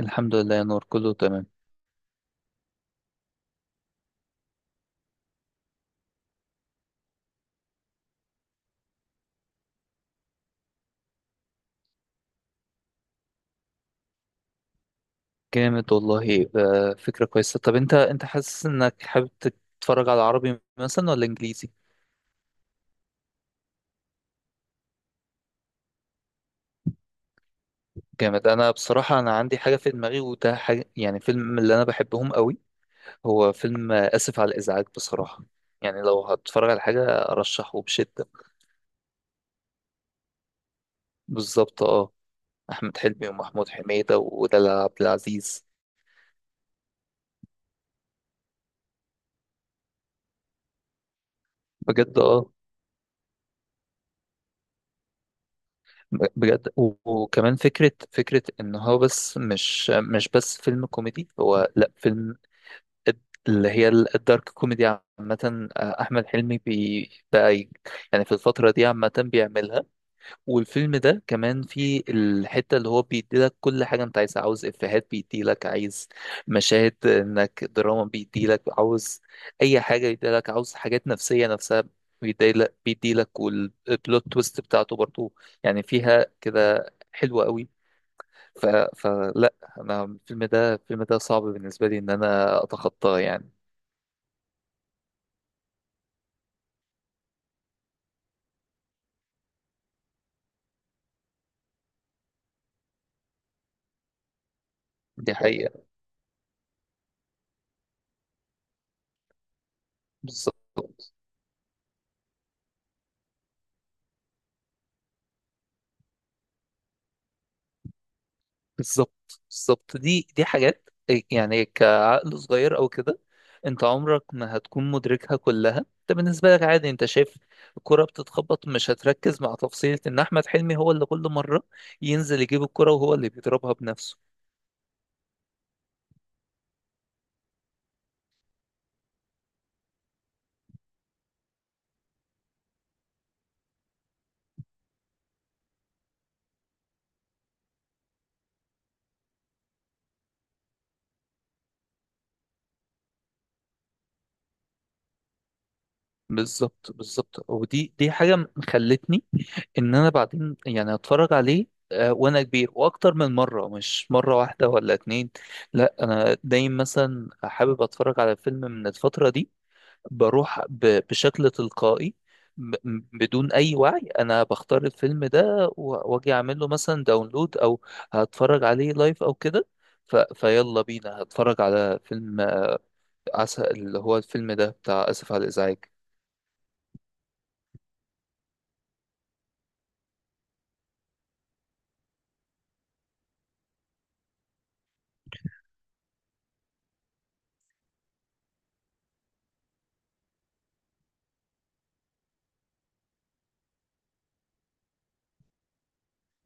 الحمد لله يا نور، كله تمام. جامد والله. فكرة كويسة. طب انت حاسس انك حابب تتفرج على عربي مثلا ولا انجليزي؟ جامد. انا بصراحة انا عندي حاجة في دماغي، وده حاجة يعني فيلم من اللي انا بحبهم قوي. هو فيلم اسف على الازعاج. بصراحة يعني لو هتتفرج على حاجة ارشحه بشدة. بالظبط اه. احمد حلمي ومحمود حميدة ودلال عبد العزيز. بجد اه. بجد وكمان فكرة إن هو بس مش بس فيلم كوميدي، هو لأ فيلم. الد- اللي هي الدارك كوميدي عامة. أحمد حلمي بقى يعني في الفترة دي عامة بيعملها. والفيلم ده كمان فيه الحتة اللي هو بيديلك كل حاجة أنت عايزها، عاوز إفيهات بيديلك، عايز مشاهد إنك دراما بيديلك، عاوز أي حاجة بيديلك، عاوز حاجات نفسية نفسها بيديلك، والبلوت تويست بتاعته برضو يعني فيها كده حلوة قوي. ف... فلا أنا الفيلم ده صعب بالنسبة لي إن أنا أتخطاه يعني. دي حقيقة. بالظبط، بالظبط، بالظبط. دي حاجات إيه، يعني كعقل صغير او كده انت عمرك ما هتكون مدركها كلها. انت بالنسبة لك عادي، انت شايف الكرة بتتخبط، مش هتركز مع تفصيلة ان احمد حلمي هو اللي كل مرة ينزل يجيب الكرة وهو اللي بيضربها بنفسه. بالظبط، بالظبط. ودي حاجة خلتني ان انا بعدين يعني اتفرج عليه وانا كبير واكتر من مره، مش مره واحده ولا اتنين. لا، انا دايما مثلا حابب اتفرج على فيلم من الفتره دي، بروح بشكل تلقائي، بدون اي وعي. انا بختار الفيلم ده واجي اعمل له مثلا داونلود او هتفرج عليه لايف او كده. فيلا بينا هتفرج على فيلم عسل، اللي هو الفيلم ده بتاع اسف على الازعاج.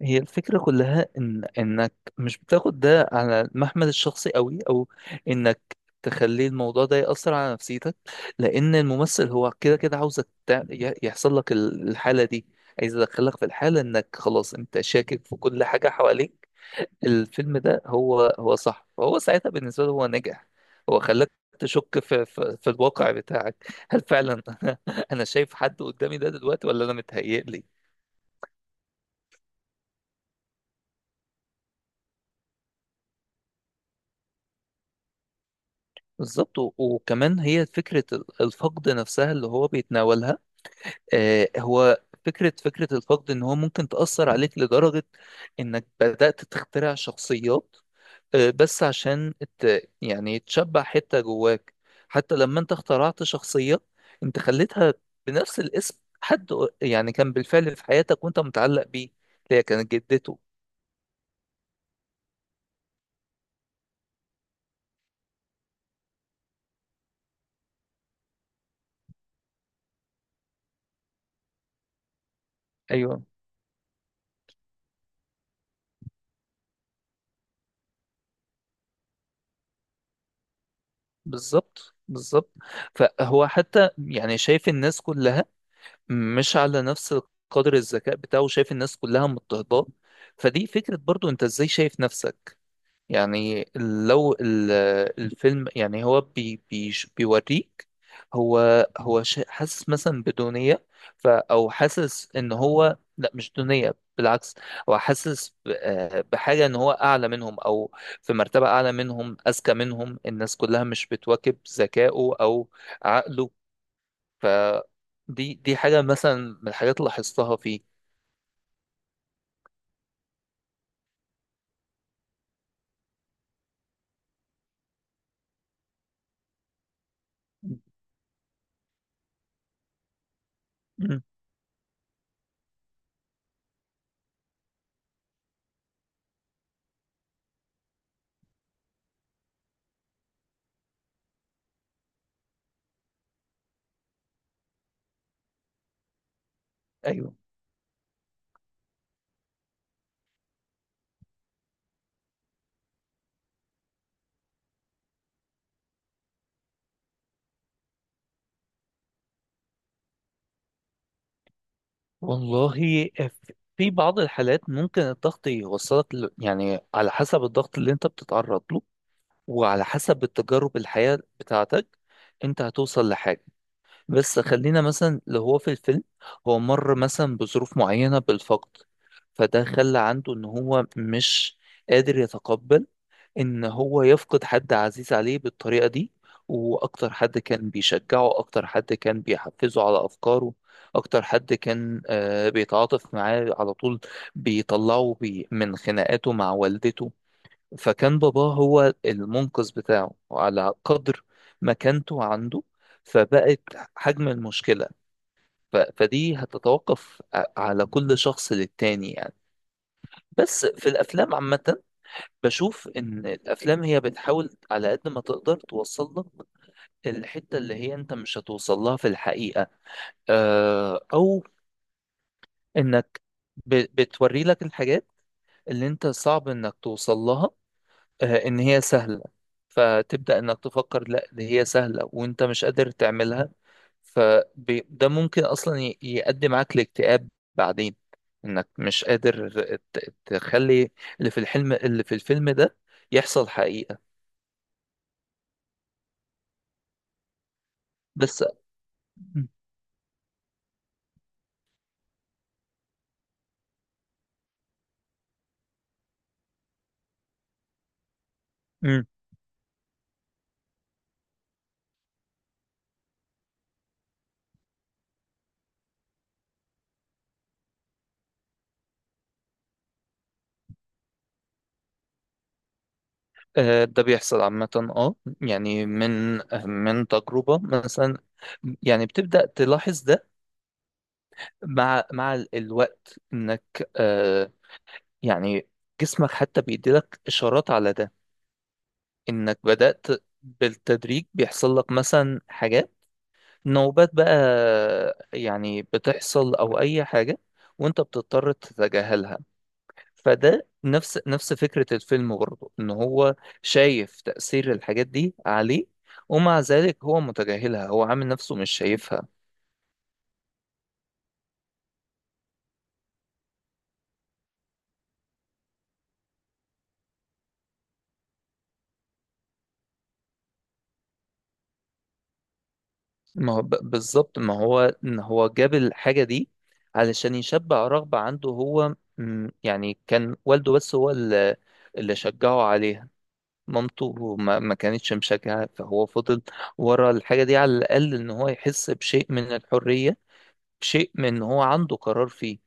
هي الفكرة كلها إنك مش بتاخد ده على المحمل الشخصي قوي، أو إنك تخلي الموضوع ده يأثر على نفسيتك، لأن الممثل هو كده كده عاوزك يحصل لك الحالة دي. عايز يدخلك في الحالة إنك خلاص أنت شاكك في كل حاجة حواليك. الفيلم ده هو صح، فهو ساعتها بالنسبة له هو نجح. هو خلاك تشك في الواقع بتاعك. هل فعلا أنا شايف حد قدامي ده دلوقتي ولا أنا متهيألي؟ بالظبط. وكمان هي فكرة الفقد نفسها اللي هو بيتناولها. هو فكرة الفقد إن هو ممكن تأثر عليك لدرجة إنك بدأت تخترع شخصيات، بس عشان يعني تشبع حتة جواك. حتى لما أنت اخترعت شخصية، أنت خليتها بنفس الاسم، حد يعني كان بالفعل في حياتك وأنت متعلق بيه، اللي هي كانت جدته. أيوه، بالظبط، بالظبط. فهو حتى يعني شايف الناس كلها مش على نفس قدر الذكاء بتاعه، وشايف الناس كلها مضطهداه. فدي فكرة برضو، انت ازاي شايف نفسك؟ يعني لو الفيلم يعني هو بي بي بيوريك هو حاسس مثلا بدونية، او حاسس ان هو لا مش دونية بالعكس، هو حاسس بحاجة ان هو اعلى منهم، او في مرتبة اعلى منهم، اذكى منهم، الناس كلها مش بتواكب ذكائه او عقله. فدي حاجة مثلا من الحاجات اللي لاحظتها فيه. مم. ايوه، والله. في بعض الحالات ممكن الضغط يوصلك يعني على حسب الضغط اللي انت بتتعرض له وعلى حسب التجارب الحياة بتاعتك انت هتوصل لحاجة. بس خلينا مثلا اللي هو في الفيلم، هو مر مثلا بظروف معينة بالفقد، فده خلى عنده ان هو مش قادر يتقبل ان هو يفقد حد عزيز عليه بالطريقة دي. واكتر حد كان بيشجعه، اكتر حد كان بيحفزه على افكاره، اكتر حد كان بيتعاطف معاه على طول، بيطلعه من خناقاته مع والدته. فكان باباه هو المنقذ بتاعه، على قدر مكانته عنده فبقت حجم المشكلة. فدي هتتوقف على كل شخص للتاني يعني. بس في الأفلام عامة بشوف إن الأفلام هي بتحاول على قد ما تقدر توصل لك الحتة اللي هي أنت مش هتوصل لها في الحقيقة، أو إنك بتوري لك الحاجات اللي أنت صعب إنك توصل لها، إن هي سهلة. فتبدأ إنك تفكر لا دي هي سهلة وأنت مش قادر تعملها. فده ممكن أصلا يؤدي معاك لاكتئاب بعدين، إنك مش قادر تخلي اللي في الحلم، اللي في الفيلم ده، يحصل حقيقة. بس مم. ده بيحصل عامة. اه، يعني من تجربة مثلا يعني بتبدأ تلاحظ ده مع الوقت، انك يعني جسمك حتى بيديلك اشارات على ده، انك بدأت بالتدريج بيحصل لك مثلا حاجات، نوبات بقى يعني بتحصل او اي حاجة، وانت بتضطر تتجاهلها. فده نفس فكرة الفيلم برضه، ان هو شايف تأثير الحاجات دي عليه، ومع ذلك هو متجاهلها، هو عامل نفسه مش شايفها. ما هو بالظبط، ما هو ان هو جاب الحاجة دي علشان يشبع رغبة عنده. هو يعني كان والده بس هو اللي شجعه عليها، مامته ما كانتش مشجعة، فهو فضل ورا الحاجة دي على الأقل ان هو يحس بشيء من الحرية، شيء من ان هو عنده قرار فيه.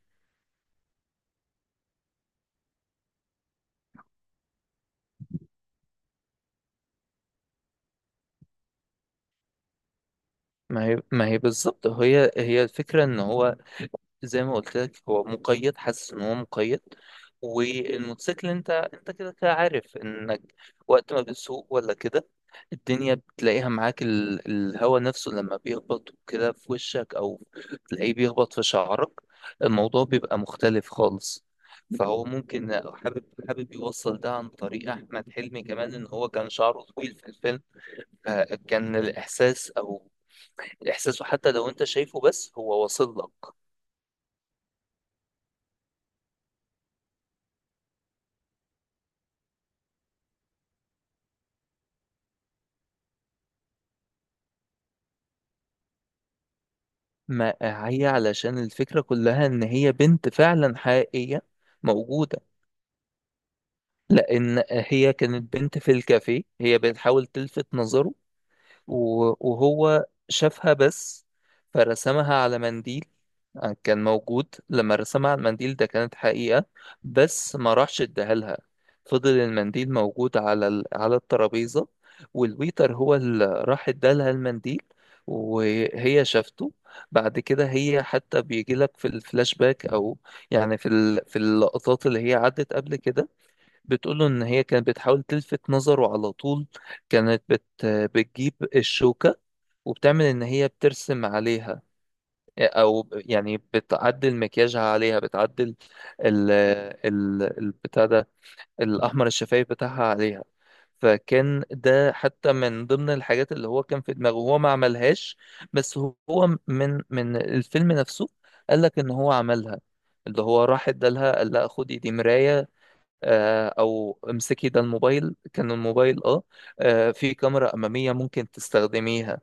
ما هي بالظبط، هي الفكرة ان هو زي ما قلت لك هو مقيد حاسس ان هو مقيد. والموتوسيكل انت كده كده عارف انك وقت ما بتسوق ولا كده الدنيا بتلاقيها معاك الهوا نفسه لما بيخبط كده في وشك، او تلاقيه بيخبط في شعرك، الموضوع بيبقى مختلف خالص. فهو ممكن حابب يوصل ده عن طريق احمد حلمي كمان، ان هو كان شعره طويل في الفيلم. فكان الاحساس او الاحساس حتى لو انت شايفه بس هو واصل لك. ما هي علشان الفكرة كلها ان هي بنت فعلا حقيقية موجودة، لان هي كانت بنت في الكافيه هي بتحاول تلفت نظره، وهو شافها بس فرسمها على منديل. كان موجود لما رسمها على المنديل ده كانت حقيقة. بس ما راحش اداها لها، فضل المنديل موجود على على الترابيزة، والويتر هو اللي راح ادالها المنديل وهي شافته. بعد كده هي حتى بيجي لك في الفلاش باك او يعني في في اللقطات اللي هي عدت قبل كده بتقوله ان هي كانت بتحاول تلفت نظره على طول. كانت بتجيب الشوكة وبتعمل ان هي بترسم عليها او يعني بتعدل مكياجها عليها، بتعدل ال ال البتاع ده، الاحمر الشفايف بتاعها عليها. فكان ده حتى من ضمن الحاجات اللي هو كان في دماغه هو ما عملهاش، بس هو من الفيلم نفسه قال لك ان هو عملها، اللي هو راح ادالها قال لها خدي دي مراية، او امسكي ده الموبايل كان الموبايل اه، في كاميرا اماميه ممكن تستخدميها.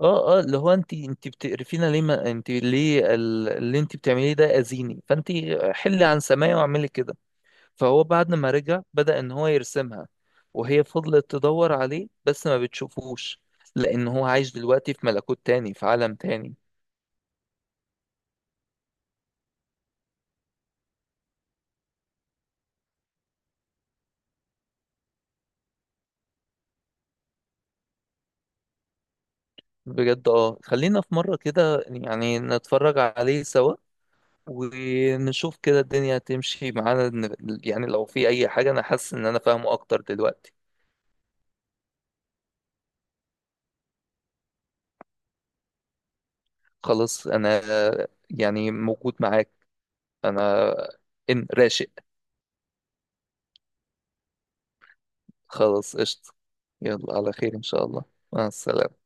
اه، اه، اللي هو انت بتقرفينا ليه؟ ما انت ليه اللي انت بتعمليه ده اذيني، فانت حلي عن سماعي واعملي كده. فهو بعد ما رجع بدأ ان هو يرسمها، وهي فضلت تدور عليه بس ما بتشوفوش، لان هو عايش دلوقتي في ملكوت تاني، في عالم تاني. بجد اه، خلينا في مرة كده يعني نتفرج عليه سوا ونشوف كده الدنيا هتمشي معانا. يعني لو في اي حاجة انا حاسس ان انا فاهمه اكتر دلوقتي. خلاص انا يعني موجود معاك. انا ان راشق. خلاص، قشطة. يلا، على خير ان شاء الله. مع السلامة.